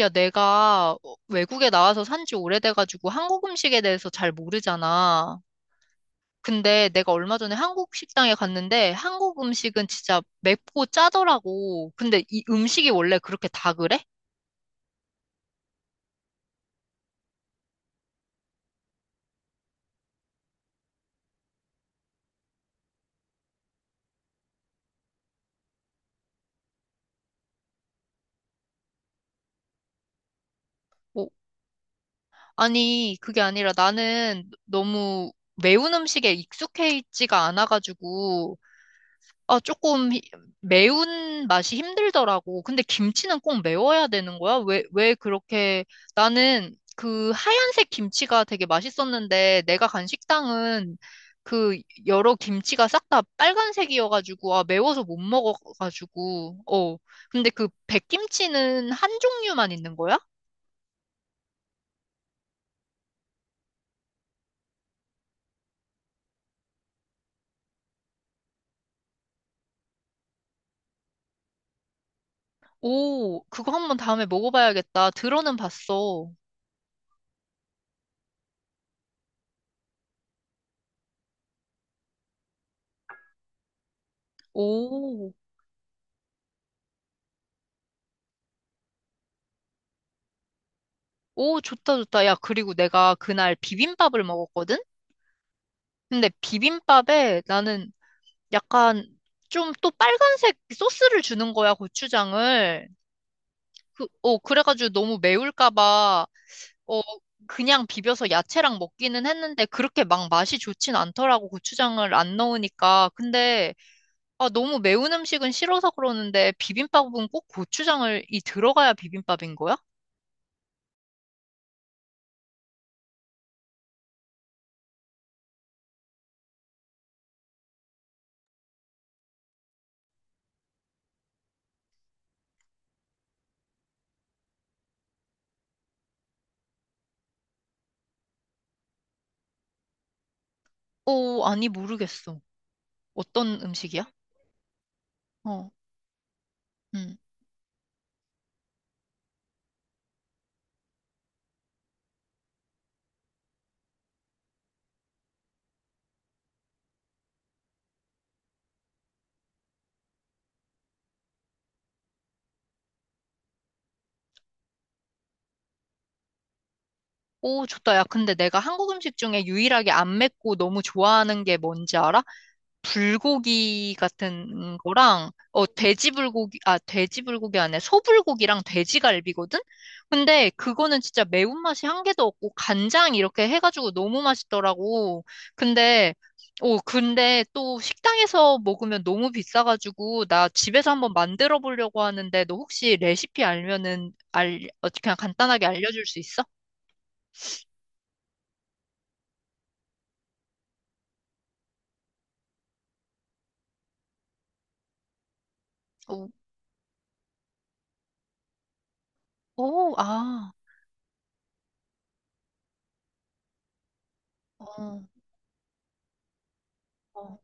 야, 내가 외국에 나와서 산지 오래돼가지고 한국 음식에 대해서 잘 모르잖아. 근데 내가 얼마 전에 한국 식당에 갔는데 한국 음식은 진짜 맵고 짜더라고. 근데 이 음식이 원래 그렇게 다 그래? 어, 아니, 그게 아니라 나는 너무 매운 음식에 익숙해 있지가 않아가지고 아, 조금 매운 맛이 힘들더라고. 근데 김치는 꼭 매워야 되는 거야? 왜 그렇게, 나는 그 하얀색 김치가 되게 맛있었는데, 내가 간 식당은 그 여러 김치가 싹 다 빨간색이어가지고, 아, 매워서 못 먹어가지고, 어. 근데 그 백김치는 한 종류만 있는 거야? 오, 그거 한번 다음에 먹어봐야겠다. 들어는 봤어. 오, 오, 좋다, 좋다. 야, 그리고 내가 그날 비빔밥을 먹었거든? 근데 비빔밥에 나는 약간 좀 또 빨간색 소스를 주는 거야, 고추장을. 그래가지고 너무 매울까 봐, 어, 그냥 비벼서 야채랑 먹기는 했는데 그렇게 막 맛이 좋진 않더라고, 고추장을 안 넣으니까. 근데, 아, 너무 매운 음식은 싫어서 그러는데 비빔밥은 꼭 고추장을 이 들어가야 비빔밥인 거야? 어, 아니, 모르겠어. 어떤 음식이야? 어, 음. 오, 좋다. 야, 근데 내가 한국 음식 중에 유일하게 안 맵고 너무 좋아하는 게 뭔지 알아? 불고기 같은 거랑, 어, 돼지 불고기, 아, 돼지 불고기 안에 소불고기랑 돼지갈비거든? 근데 그거는 진짜 매운맛이 한 개도 없고, 간장 이렇게 해가지고 너무 맛있더라고. 근데, 오, 근데 또 식당에서 먹으면 너무 비싸가지고, 나 집에서 한번 만들어 보려고 하는데, 너 혹시 레시피 알면은, 그냥 간단하게 알려줄 수 있어? 오, 아, 어, 어.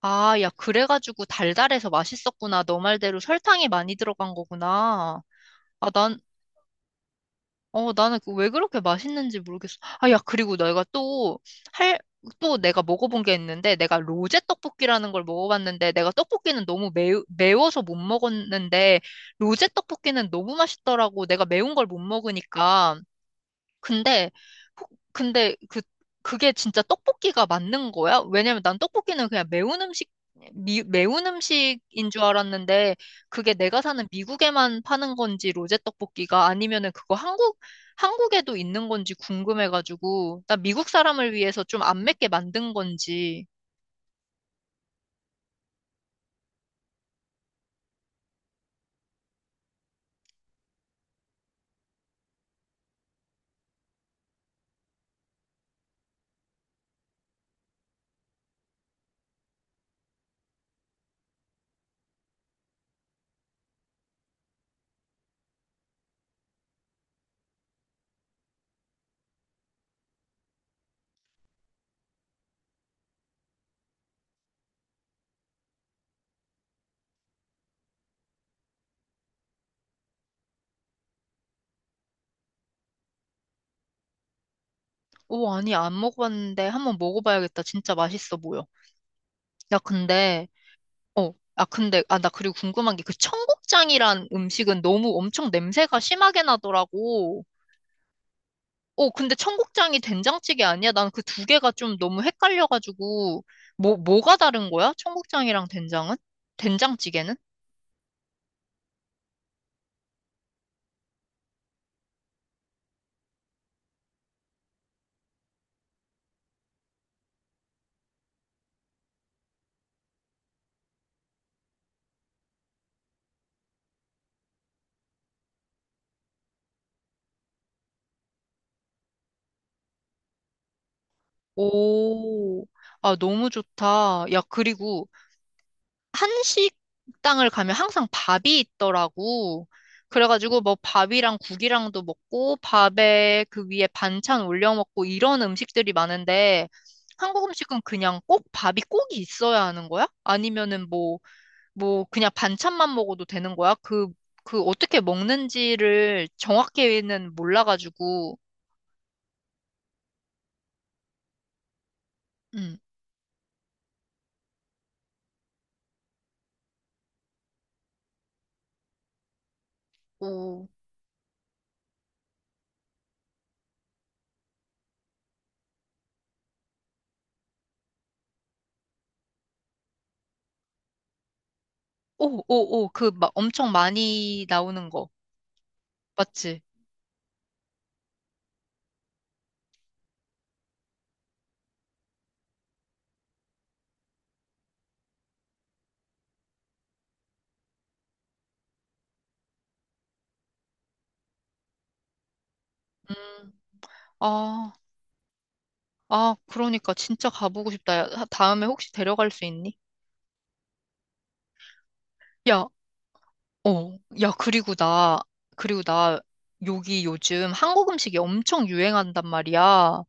아, 야, 그래가지고 달달해서 맛있었구나. 너 말대로 설탕이 많이 들어간 거구나. 아, 난, 어, 나는 그 왜 그렇게 맛있는지 모르겠어. 아, 야, 그리고 내가 또 할, 또 내가 먹어본 게 있는데, 내가 로제 떡볶이라는 걸 먹어봤는데, 내가 떡볶이는 너무 매워서 못 먹었는데, 로제 떡볶이는 너무 맛있더라고. 내가 매운 걸 못 먹으니까. 근데 근데 그 그게 진짜 떡볶이가 맞는 거야? 왜냐면 난 떡볶이는 그냥 매운 음식 매운 음식인 줄 알았는데 그게 내가 사는 미국에만 파는 건지 로제 떡볶이가 아니면은 그거 한국 한국에도 있는 건지 궁금해가지고 나 미국 사람을 위해서 좀 안 맵게 만든 건지 오 아니 안 먹어봤는데 한번 먹어봐야겠다 진짜 맛있어 보여 야 근데 어. 아, 근데, 아, 나 그리고 궁금한 게 그 청국장이란 음식은 너무 엄청 냄새가 심하게 나더라고. 어, 근데 청국장이 된장찌개 아니야? 난 그 두 개가 좀 너무 헷갈려가지고, 뭐가 다른 거야? 청국장이랑 된장은? 된장찌개는? 오, 아, 너무 좋다. 야, 그리고 한식당을 가면 항상 밥이 있더라고. 그래가지고 뭐 밥이랑 국이랑도 먹고 밥에 그 위에 반찬 올려 먹고 이런 음식들이 많은데 한국 음식은 그냥 꼭 밥이 꼭 있어야 하는 거야? 아니면은 뭐, 뭐 그냥 반찬만 먹어도 되는 거야? 그, 그 어떻게 먹는지를 정확히는 몰라가지고, 음, 오, 오, 오, 오, 그 막 엄청 많이 나오는 거. 맞지? 음, 아. 아, 그러니까 진짜 가보고 싶다. 야, 다음에 혹시 데려갈 수 있니? 야, 어, 야, 그리고 나, 그리고 나, 여기 요즘 한국 음식이 엄청 유행한단 말이야.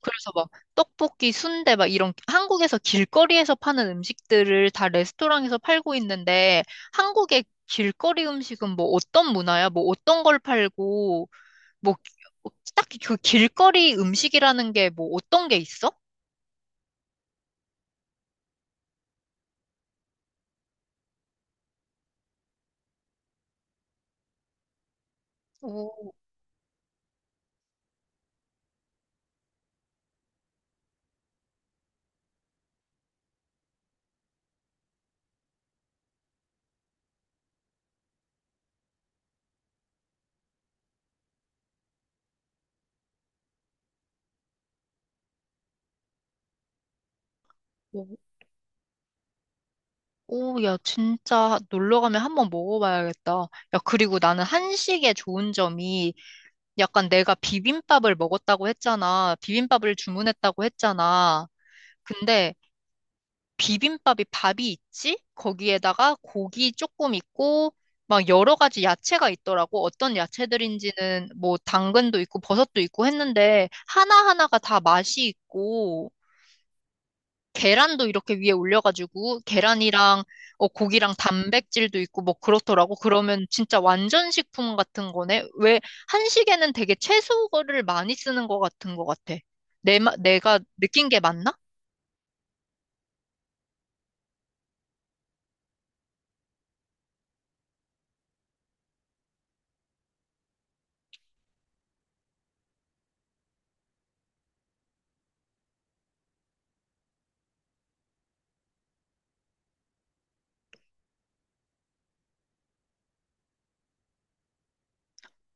그래서 막 떡볶이, 순대 막 이런 한국에서 길거리에서 파는 음식들을 다 레스토랑에서 팔고 있는데 한국의 길거리 음식은 뭐 어떤 문화야? 뭐 어떤 걸 팔고 뭐 딱히 그 길거리 음식이라는 게 뭐 어떤 게 있어? 오, 오. 오, 야, 진짜 놀러 가면 한번 먹어봐야겠다. 야, 그리고 나는 한식의 좋은 점이 약간 내가 비빔밥을 먹었다고 했잖아. 비빔밥을 주문했다고 했잖아. 근데 비빔밥이 밥이 있지? 거기에다가 고기 조금 있고, 막 여러 가지 야채가 있더라고. 어떤 야채들인지는 뭐 당근도 있고 버섯도 있고 했는데 하나하나가 다 맛이 있고, 계란도 이렇게 위에 올려가지고 계란이랑 어, 고기랑 단백질도 있고 뭐 그렇더라고. 그러면 진짜 완전 식품 같은 거네. 왜 한식에는 되게 채소를 많이 쓰는 것 같은 것 같아. 내가 느낀 게 맞나?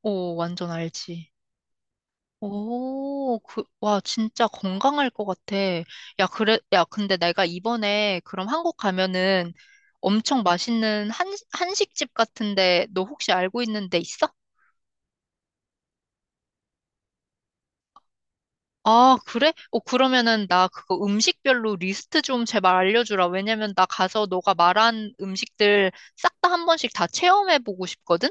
오, 완전 알지. 오, 그, 와, 진짜 건강할 것 같아. 야, 그래, 야, 근데 내가 이번에 그럼 한국 가면은 엄청 맛있는 한식집 같은데 너 혹시 알고 있는 데 있어? 아, 그래? 어, 그러면은 나 그거 음식별로 리스트 좀 제발 알려주라. 왜냐면 나 가서 너가 말한 음식들 싹 다 한 번씩 다 체험해보고 싶거든?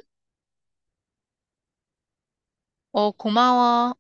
어, 고마워.